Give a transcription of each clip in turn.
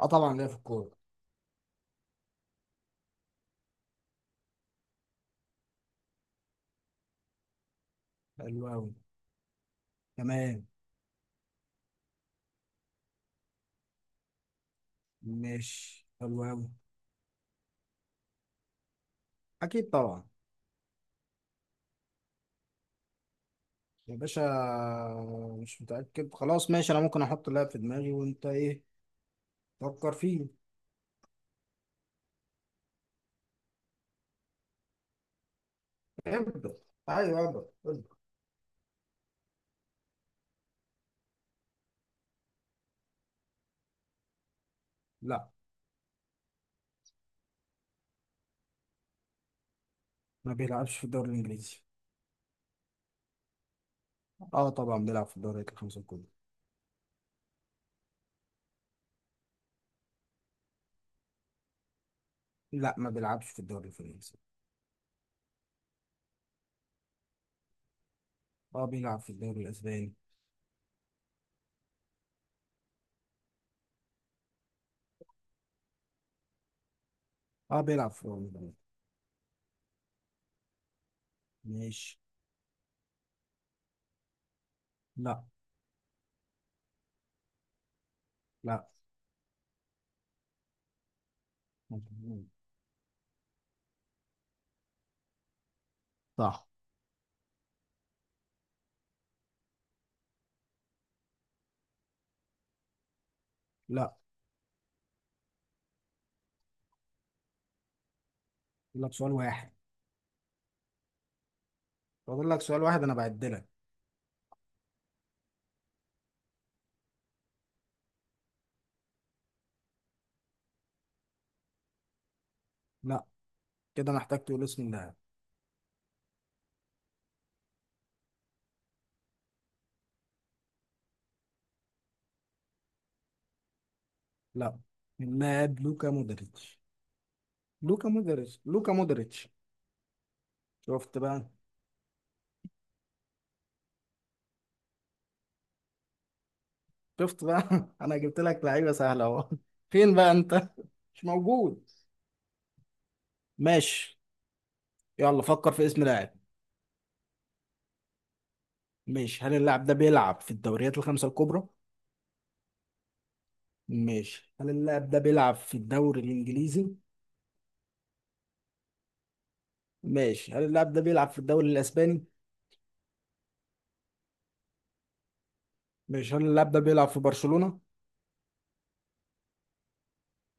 اه طبعا ليا في الكورة. حلو أوي. تمام. ماشي حلو أوي. أكيد طبعا. يا باشا، مش متأكد خلاص ماشي، أنا ممكن أحط لاعب في دماغي وأنت إيه؟ فكر فيه. ابدأ، أيوه ابدأ ابدأ. لا. ما بيلعبش في الدوري الإنجليزي. اه طبعا بيلعب في الدوري الخمسة الكبرى. لا ما بيلعبش في الدوري الفرنسي. اه بيلعب في الدوري الأسباني. اه بيلعب في روما. ماشي. لا. لا. مظبوط. صح. لا. فاضل لك سؤال واحد. فاضل لك سؤال واحد، أنا بعدلك. لا كده محتاج تقول اسم اللاعب. لا، اللاعب لوكا مودريتش. لوكا مودريتش لوكا مودريتش. شفت بقى. شفت بقى. انا جبت لك لعيبه سهله اهو. فين بقى انت؟ مش موجود. ماشي. يلا فكر في اسم لاعب. ماشي، هل اللاعب ده بيلعب في الدوريات الخمسه الكبرى؟ ماشي، هل اللاعب ده بيلعب في الدوري الانجليزي؟ ماشي، هل اللاعب ده بيلعب في الدوري الاسباني؟ ماشي، هل اللاعب ده بيلعب في برشلونه؟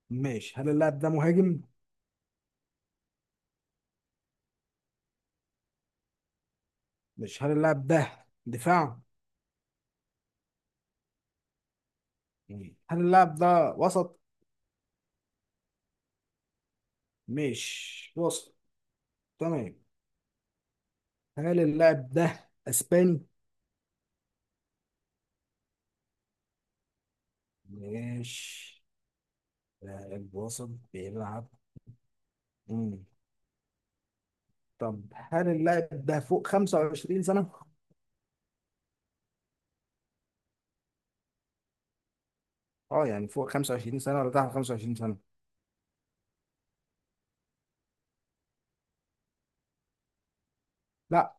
ماشي، هل اللاعب ده مهاجم؟ ماشي، هل اللاعب ده دفاع؟ مم. هل اللاعب ده وسط؟ مش وسط. تمام. هل اللاعب ده اسباني؟ مش لاعب وسط بيلعب. مم. طب هل اللاعب ده فوق 25 سنة؟ اه يعني فوق 25 سنة ولا تحت 25 سنة؟ لا،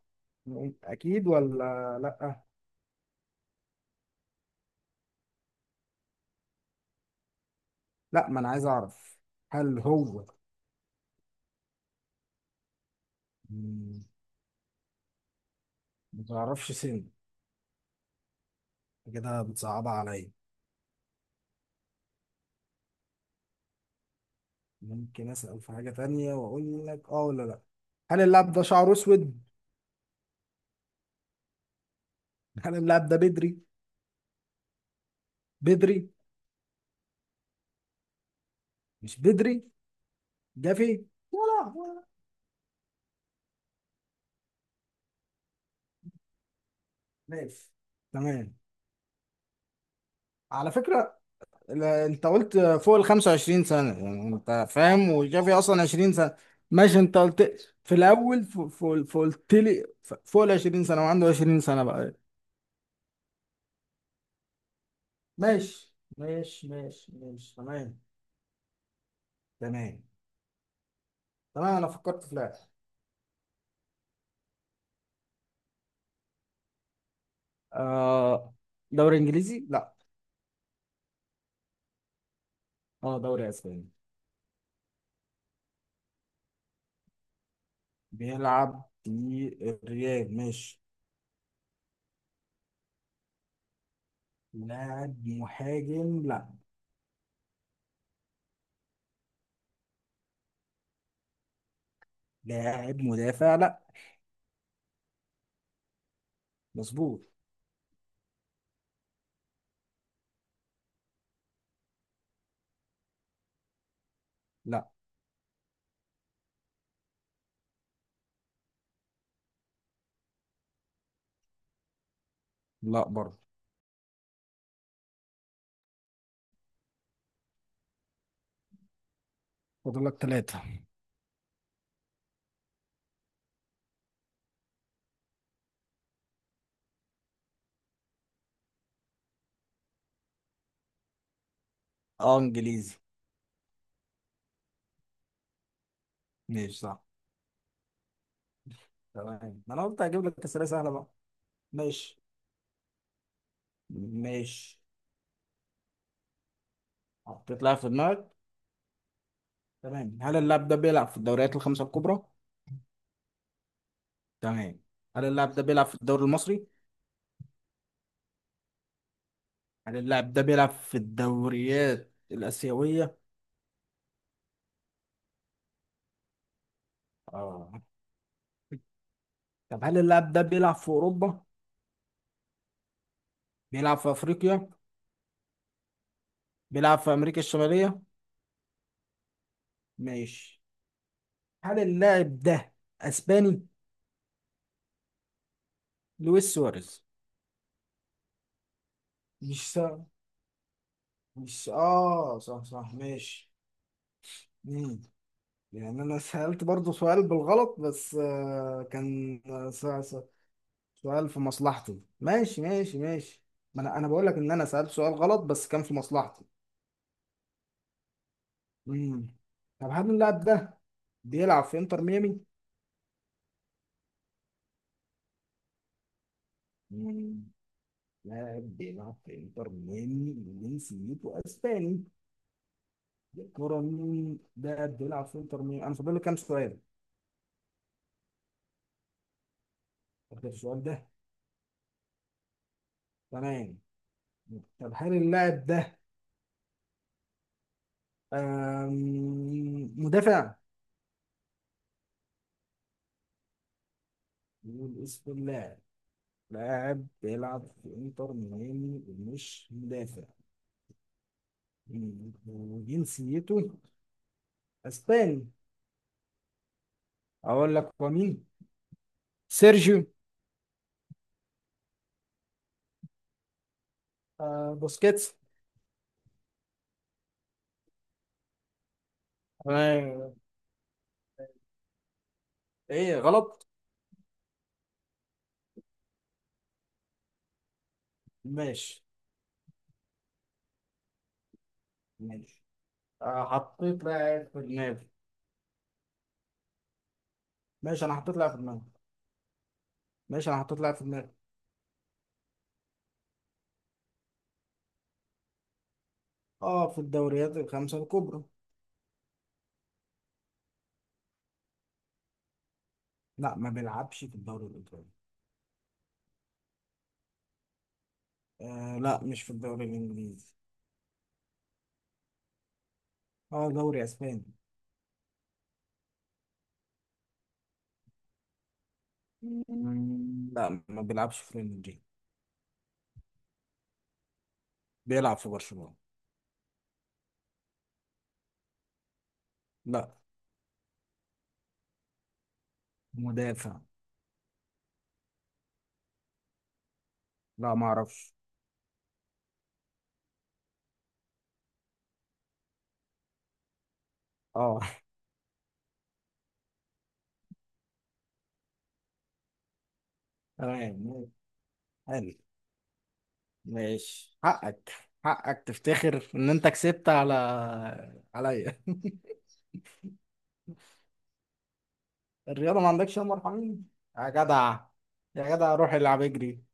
اكيد ولا لا؟ لا ما انا عايز اعرف. هل هو مم، ما تعرفش سن؟ كده بتصعبها عليا. ممكن اسأل في حاجة تانية واقول لك اه ولا لا؟ هل اللاعب ده شعره اسود؟ احنا اللاعب ده بدري. بدري. مش بدري. جافي ولا؟ ماشي. تمام. على فكرة، انت قلت فوق ال 25 سنة يعني انت فاهم، وجافي اصلا 20 سنة. ماشي انت قلت في الاول قلت لي فوق ال 20 سنة، وعنده 20 سنة بقى. ماشي ماشي ماشي ماشي. تمام. تمام. تمام، انا فكرت في لاعب. آه، دوري انجليزي لا. اه دوري اسباني. بيلعب في الريال. ماشي. لاعب مهاجم لا. لاعب مدافع لا. مظبوط. لا. لا برضه. فاضل لك ثلاثة. اه انجليزي. ماشي صح. تمام، ما انا قلت هجيب لك اسئله سهله بقى. ماشي. ماشي. حطيت لاعب في دماغك؟ تمام، هل اللاعب ده بيلعب في الدوريات الخمسه الكبرى؟ تمام، هل اللاعب ده بيلعب في الدوري المصري؟ هل اللاعب ده بيلعب في الدوريات الاسيويه؟ اه. طب هل اللاعب ده بيلعب في اوروبا؟ بيلعب في افريقيا؟ بيلعب في امريكا الشماليه؟ ماشي. هل اللاعب ده اسباني؟ لويس سواريز. مش سهل. مش اه، صح صح ماشي. مم. يعني انا سألت برضو سؤال بالغلط بس كان سؤال في مصلحتي. ماشي ماشي ماشي، ما انا بقول لك ان انا سألت سؤال غلط بس كان في مصلحتي. مم. طب هل اللاعب ده بيلعب في انتر ميامي؟ مم. لاعب بيلعب في انتر ميامي وجنسيته اسباني؟ كرة مين ده؟ قد يلعب سنتر مين؟ انا فاضل لي كام سؤال؟ فاضل السؤال ده. تمام. طب هل اللاعب ده مدافع؟ نقول اسم اللاعب؟ لاعب بيلعب في انتر ميامي ومش مدافع. مم. وجنسيته اسباني؟ اقول لك هو مين؟ سيرجيو، آه، بوسكيتس. تمام. ايه غلط؟ ماشي. ماشي. آه، حطيت لاعب في دماغي. ماشي انا حطيت لاعب في دماغي. ماشي انا حطيت لاعب في دماغي. اه في الدوريات الخمسة الكبرى. لا ما بيلعبش في الدوري الإيطالي. آه لا، مش في الدوري الإنجليزي. اه دوري أسباني. مم، لا ما بيلعبش في ريال مدريد. بيلعب في برشلونة. لا. مدافع. لا ما اعرفش. اه. تمام. حلو. ماشي، حقك. حقك تفتخر ان انت كسبت على عليا. الرياضة ما عندكش يا مرحمين. يا جدع. يا جدع روح العب اجري.